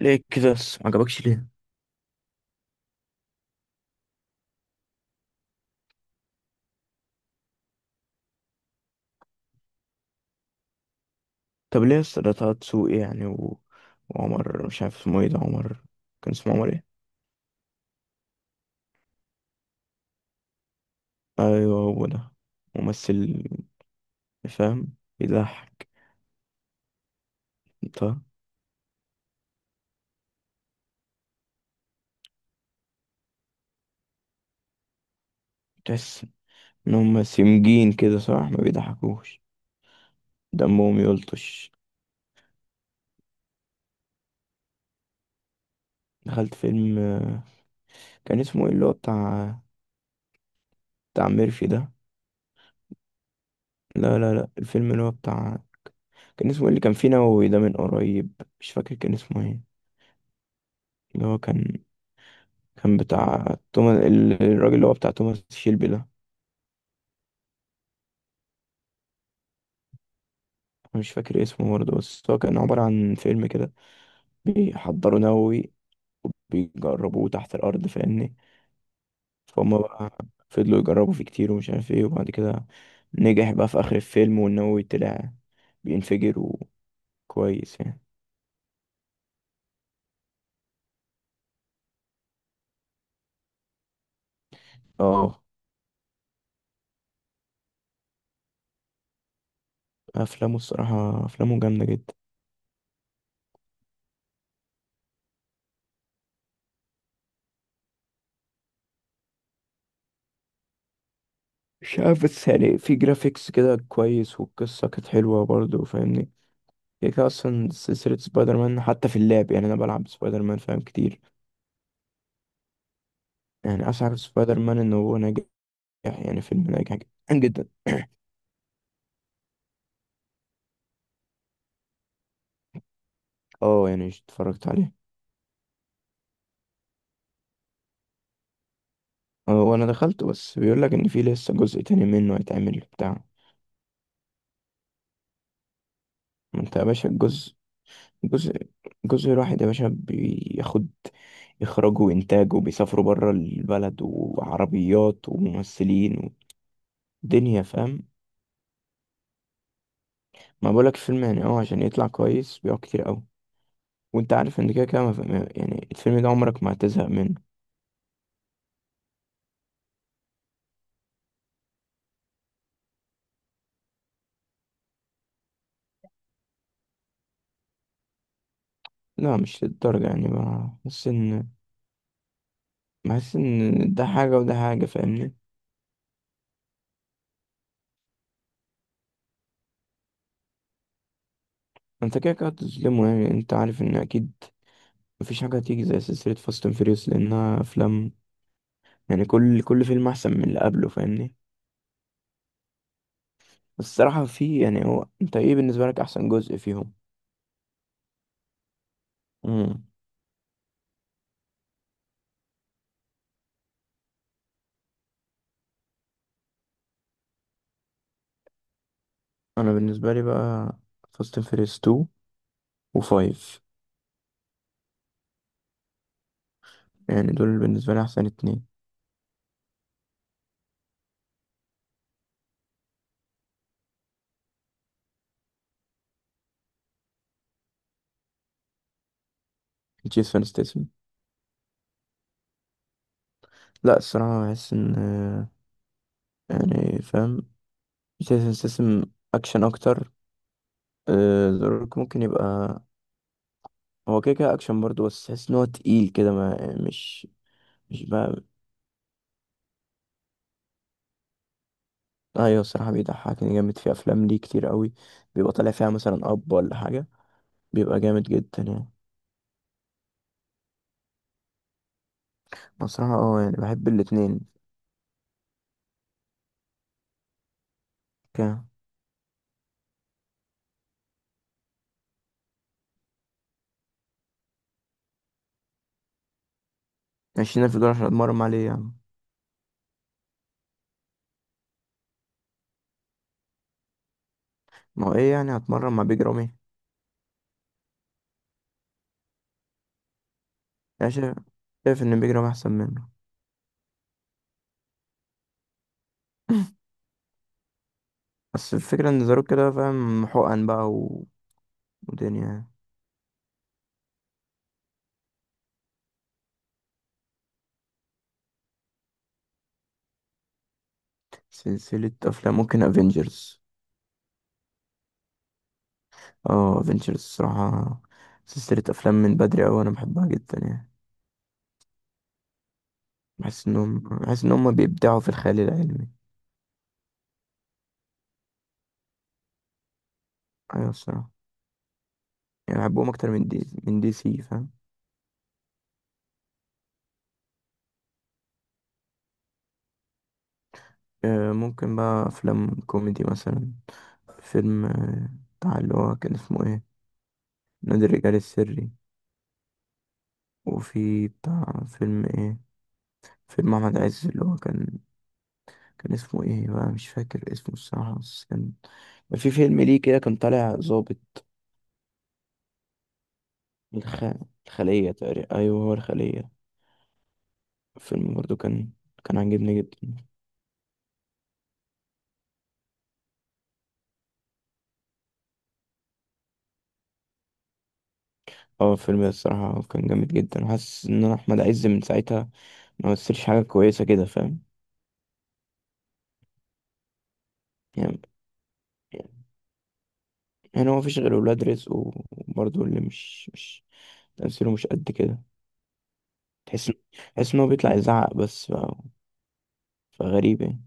ليه كده بس ما عجبكش ليه؟ طب ليه بس ده طه دسوقي يعني وعمر مش عارف اسمه ايه ده، عمر كان اسمه عمر ايه؟ ايوه، هو ده. ممثل، فاهم، بيضحك. انت تحس ان هم سمجين كده، صح؟ ما بيضحكوش، دمهم يلطش. دخلت فيلم، كان اسمه ايه اللي هو بتاع ميرفي ده. لا لا لا، الفيلم اللي هو بتاع، كان اسمه ايه اللي كان فيه نووي ده من قريب؟ مش فاكر كان اسمه ايه. اللي هو كان بتاع توماس، الراجل اللي هو بتاع توماس شيلبي ده. أنا مش فاكر اسمه برضه، بس هو كان عبارة عن فيلم كده بيحضروا نووي وبيجربوه تحت الأرض، فاهمني؟ فهم بقى، فضلوا يجربوا فيه كتير ومش عارف ايه، وبعد كده نجح بقى في آخر الفيلم، والنووي طلع بينفجر، وكويس يعني. اه، أفلامه الصراحة أفلامه جامدة جدا. مش عارف، بس يعني في جرافيكس كده كويس، والقصة كانت حلوة برضه، فاهمني؟ كده كده اصلا سلسله سبايدر مان، حتى في اللعب يعني انا بلعب سبايدر مان فاهم كتير. يعني اسعد في سبايدر مان ان هو ناجح، يعني فيلم ناجح جدا. اه، يعني اتفرجت عليه. اه، وانا دخلت، بس بيقول لك ان في لسه جزء تاني منه هيتعمل بتاع. ما انت يا باشا الجزء، جزء جزء واحد يا باشا بياخد اخراجه وانتاجه، وبيسافروا بره البلد، وعربيات وممثلين ودنيا، فاهم؟ ما بقولك فيلم يعني عشان يطلع كويس بيقعد كتير قوي. وانت عارف ان كده كده ما ف- ما- يعني الفيلم ده عمرك ما هتزهق منه. لا، مش للدرجة يعني. بحس ان ده حاجة وده حاجة، فاهمني؟ انت كده كده هتظلمه يعني، انت عارف ان اكيد مفيش حاجة هتيجي زي سلسلة فاست اند فيريوس، لانها افلام يعني كل فيلم احسن من اللي قبله، فاهمني؟ بس الصراحة في يعني، هو انت ايه بالنسبة لك احسن جزء فيهم؟ مم. انا بالنسبة لي بقى فاست اند فيريوس 2 و5، يعني دول بالنسبة لي احسن اتنين. تشيس فان ستيسن. لا، الصراحة بحس ان، يعني فاهم، سيستم اكشن اكتر. ذا روك ممكن يبقى، هو كده كده اكشن برضه، بس تحس ان هو تقيل كده، ما مش بقى. ايوه، الصراحه بيضحكني جامد في افلام ليه كتير قوي، بيبقى طالع فيها مثلا اب ولا حاجه، بيبقى جامد جدا يعني. أنا الصراحه يعني بحب الاتنين. ك- 20,000 دولار عشان اتمرن مع ليه يعني؟ ما هو ايه يعني، هتمرن مع بيج رامي؟ يعني شايف ان بيج رامي احسن منه. بس الفكره ان ذا روك كده فاهم، حقن بقى ودنيا يعني. سلسلة أفلام ممكن افنجرز. اه، افنجرز الصراحة سلسلة أفلام من بدري أوي، أنا بحبها جدا يعني. بحس إن هم بيبدعوا في الخيال العلمي. أيوة، الصراحة يعني بحبهم أكتر من دي سي، فاهم؟ ممكن بقى أفلام كوميدي مثلا، فيلم، بتاع اللي هو كان اسمه إيه، نادي الرجال السري. وفي بتاع فيلم إيه، فيلم أحمد عز اللي هو كان اسمه إيه بقى، مش فاكر اسمه الصراحة، بس كان في فيلم ليه كده كان طالع ظابط. الخ... الخلية تقريبا، أيوه هو الخلية. الفيلم برضو كان عاجبني جدا. اه، الفيلم ده الصراحة كان جامد جدا، حاسس إن أنا أحمد عز من ساعتها ما مثلش حاجة كويسة كده، فاهم؟ يعني يعني هو مفيش غير ولاد رزق وبرضو اللي مش تمثيله مش قد كده. تحس تحس إن هو بيطلع يزعق بس فغريب يعني.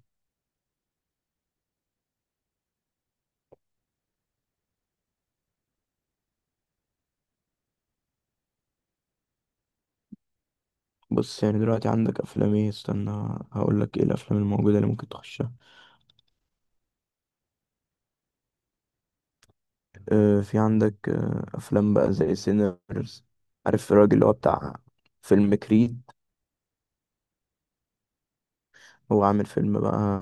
بص، يعني دلوقتي عندك أفلام إيه، استنى هقولك إيه الأفلام الموجودة اللي ممكن تخشها. في عندك افلام بقى زي سينرز. عارف الراجل اللي هو بتاع فيلم كريد؟ هو عامل فيلم بقى،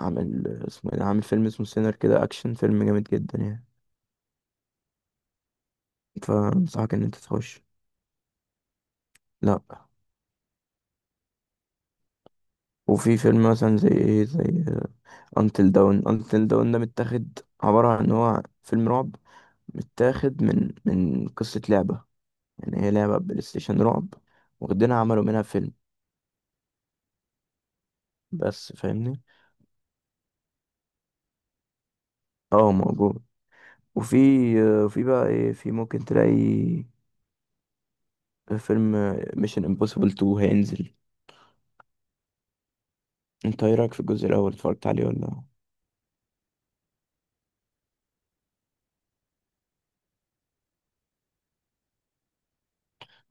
عامل اسمه إيه ده؟ عامل فيلم اسمه سينر كده، اكشن فيلم جامد جدا يعني، فانصحك ان انت تخش. لا، وفي فيلم مثلا زي ايه، زي انتل داون. انتل داون ده متاخد عبارة عن ان هو فيلم رعب، متاخد من قصة لعبة، يعني هي لعبة بلاي ستيشن رعب، واخدينها عملوا منها فيلم، بس فاهمني؟ اه، موجود. وفي، في بقى ايه، في ممكن تلاقي فيلم ميشن امبوسيبل 2 هينزل. انت ايه رايك في الجزء الاول، اتفرجت عليه ولا؟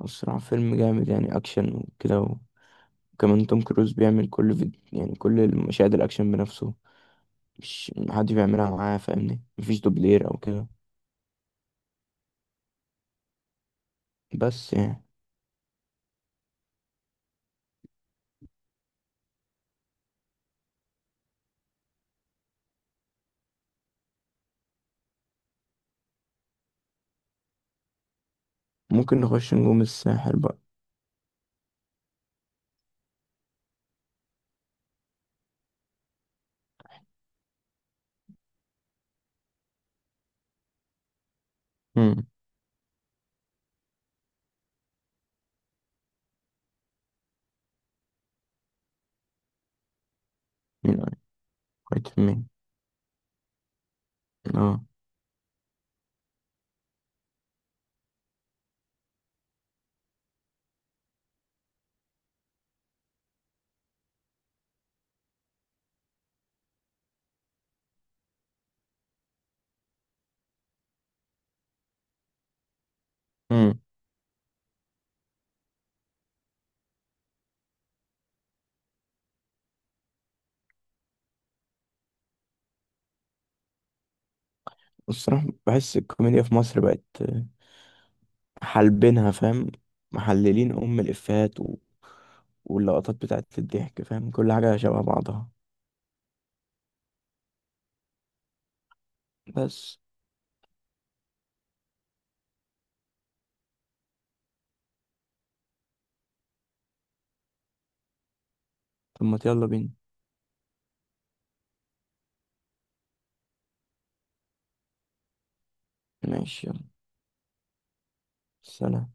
الصراحه فيلم جامد يعني، اكشن وكده، وكمان توم كروز بيعمل كل فيديو، يعني كل المشاهد الاكشن بنفسه، مش محدش بيعملها معاه، فاهمني؟ مفيش دوبلير او كده، بس يعني. ممكن نخش نجوم الساحل بقى. امم، مين؟ قريت مين؟ اه. امم، الصراحه بحس الكوميديا في مصر بقت حالبينها، فاهم؟ محللين ام الافيهات واللقطات بتاعت الضحك، فاهم؟ كل حاجه شبه بعضها، بس. طب ما يلا بينا. ماشي، يلا، سلام.